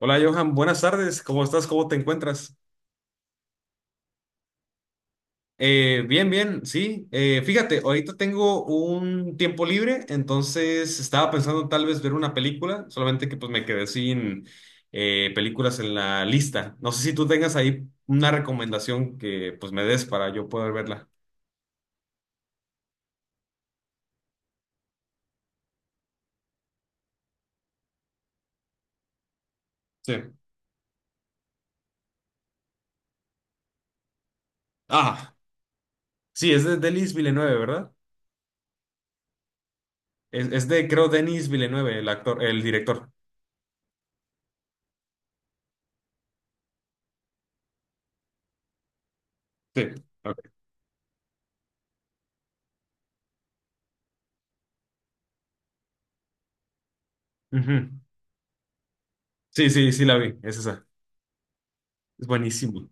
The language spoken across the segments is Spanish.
Hola Johan, buenas tardes, ¿cómo estás? ¿Cómo te encuentras? Bien, bien, sí. Fíjate, ahorita tengo un tiempo libre, entonces estaba pensando tal vez ver una película, solamente que pues me quedé sin películas en la lista. No sé si tú tengas ahí una recomendación que pues me des para yo poder verla. Sí. Ah, sí, es de Denis Villeneuve, ¿verdad? Es de, creo, Denis Villeneuve, el actor, el director. Sí. Ok. Ujú. Sí, sí, sí la vi, es esa. Es buenísimo.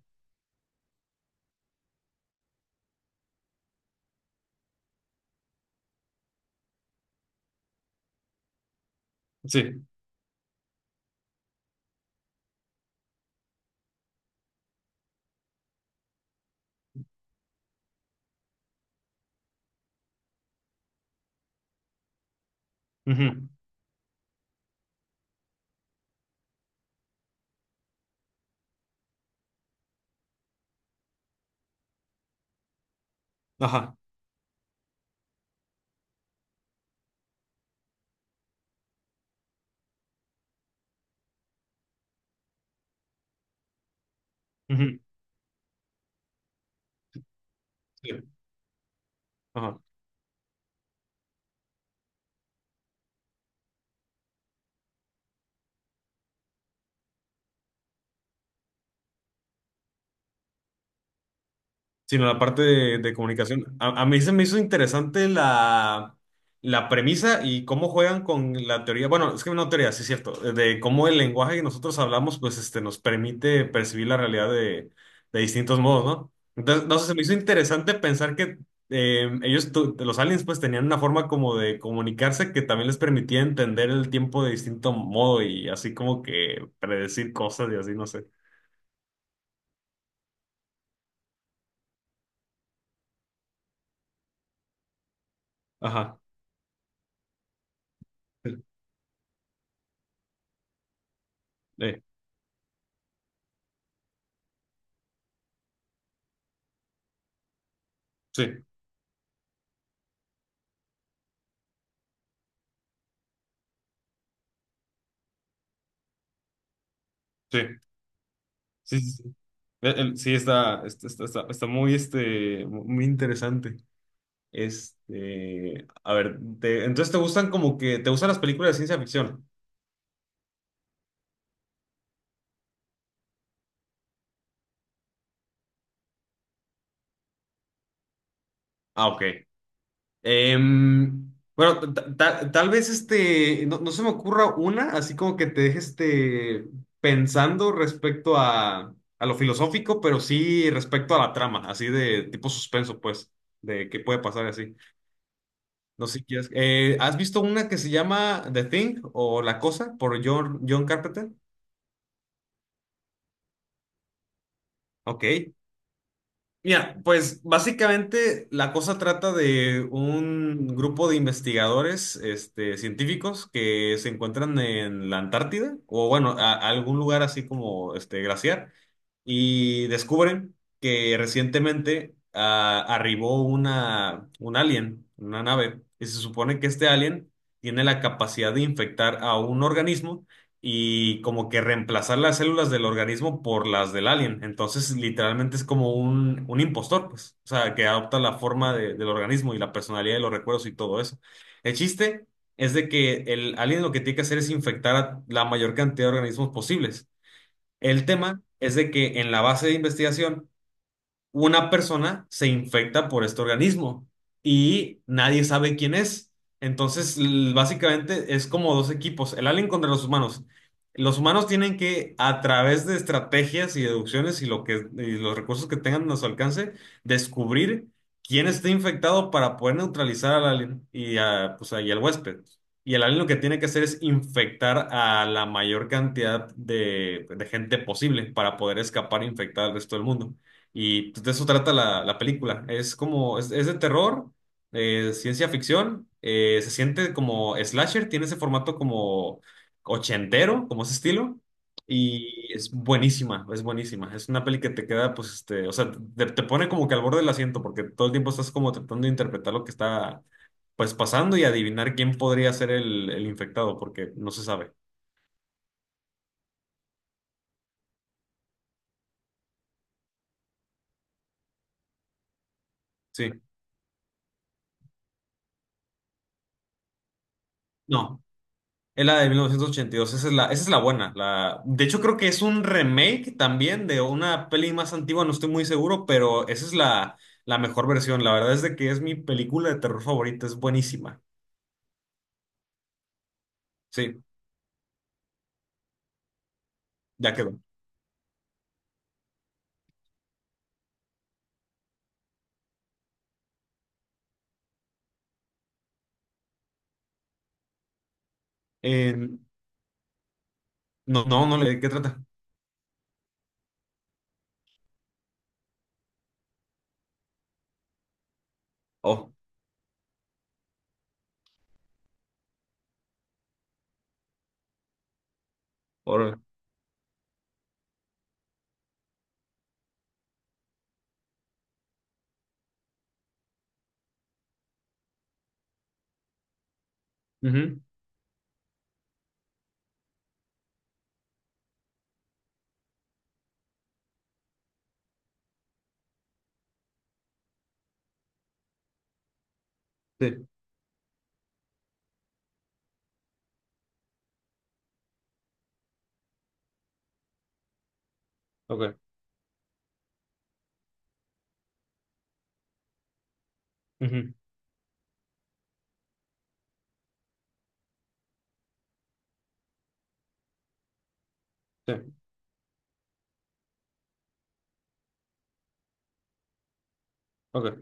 Sí. Ujú, ajá. Ujú, sí, ajá. Sino la parte de comunicación. A mí se me hizo interesante la premisa y cómo juegan con la teoría. Bueno, es que no teoría, sí es cierto. De cómo el lenguaje que nosotros hablamos, pues este, nos permite percibir la realidad de distintos modos, ¿no? Entonces, no sé, se me hizo interesante pensar que ellos, los aliens, pues tenían una forma como de comunicarse que también les permitía entender el tiempo de distinto modo y así como que predecir cosas y así, no sé. Ajá. Eh, sí, sí, sí, sí, sí. Sí, está muy, muy interesante. A ver, entonces te gustan como que, te gustan las películas de ciencia ficción. Ah, ok. Bueno, tal vez no, no se me ocurra una, así como que te deje pensando respecto a lo filosófico, pero sí respecto a la trama, así de tipo suspenso, pues, de qué puede pasar y así. No sé si quieres. ¿Has visto una que se llama The Thing o La Cosa por John Carpenter? Ok. Mira, pues básicamente la cosa trata de un grupo de investigadores, científicos que se encuentran en la Antártida o bueno, a algún lugar así como este glaciar y descubren que recientemente arribó una, un alien, una nave, y se supone que este alien tiene la capacidad de infectar a un organismo y como que reemplazar las células del organismo por las del alien. Entonces, literalmente es como un impostor, pues, o sea, que adopta la forma del organismo y la personalidad de los recuerdos y todo eso. El chiste es de que el alien lo que tiene que hacer es infectar a la mayor cantidad de organismos posibles. El tema es de que en la base de investigación una persona se infecta por este organismo y nadie sabe quién es. Entonces, básicamente es como dos equipos, el alien contra los humanos. Los humanos tienen que, a través de estrategias y deducciones y los recursos que tengan a su alcance, descubrir quién está infectado para poder neutralizar al alien y, a, pues, ahí al huésped. Y el alien lo que tiene que hacer es infectar a la mayor cantidad de gente posible para poder escapar e infectar al resto del mundo. Y pues, de eso trata la película. Es como, es de terror, ciencia ficción, se siente como slasher, tiene ese formato como ochentero, como ese estilo, y es buenísima, es buenísima. Es una peli que te queda, pues, o sea, te pone como que al borde del asiento, porque todo el tiempo estás como tratando de interpretar lo que está, pues, pasando y adivinar quién podría ser el infectado, porque no se sabe. Sí. No, es la de 1982, esa es la buena. La, de hecho, creo que es un remake también de una peli más antigua, no estoy muy seguro, pero esa es la mejor versión. La verdad es de que es mi película de terror favorita, es buenísima. Sí, ya quedó. Eh, no, no, no, ¿de qué trata? Oh, por. Ujú, sí, ok. Ujú, sí, ok.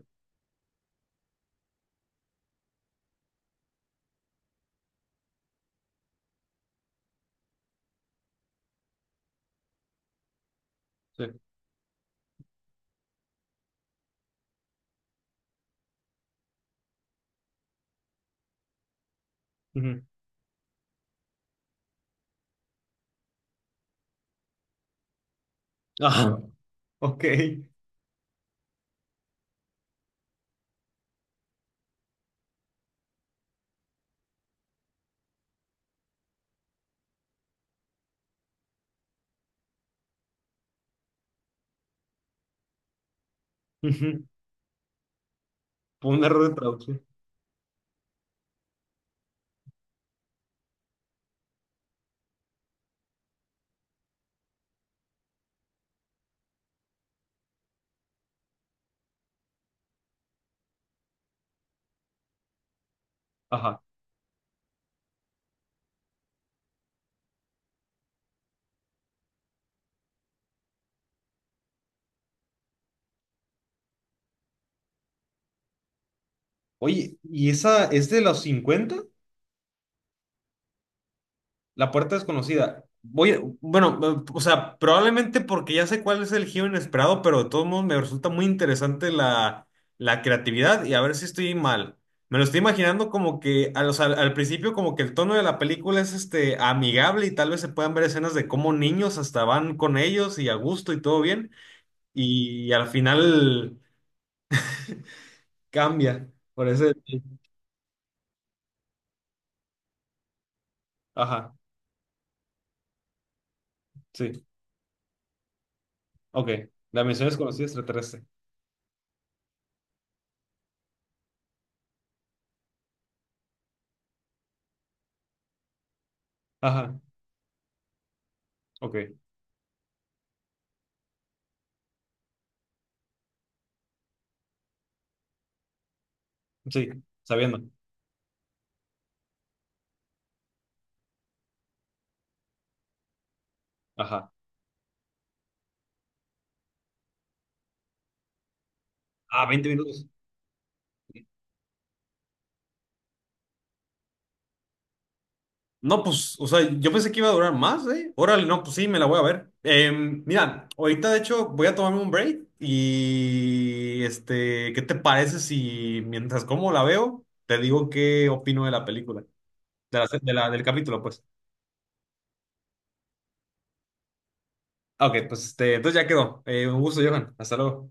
Sí. Ujú. Ah, ok. Ujú. Fue un error de traducción. Ajá. Oye, ¿y esa es de los cincuenta? La puerta desconocida. Voy, bueno, o sea, probablemente porque ya sé cuál es el giro inesperado, pero de todos modos me resulta muy interesante la creatividad y a ver si estoy mal. Me lo estoy imaginando como que al, o sea, al principio como que el tono de la película es este amigable y tal vez se puedan ver escenas de cómo niños hasta van con ellos y a gusto y todo bien y al final cambia. Por ese. Ajá, sí. Ok. La misión desconocida extraterrestre. Ajá, ok. Sí, sabiendo. Ajá. Ah, 20 minutos. No, pues, o sea, yo pensé que iba a durar más, ¿eh? Órale, no, pues sí, me la voy a ver. Mira, ahorita de hecho voy a tomarme un break y, ¿qué te parece si mientras como la veo, te digo qué opino de la película, de la del capítulo, pues? Ah, ok, pues, entonces ya quedó. Un gusto, Johan. Hasta luego.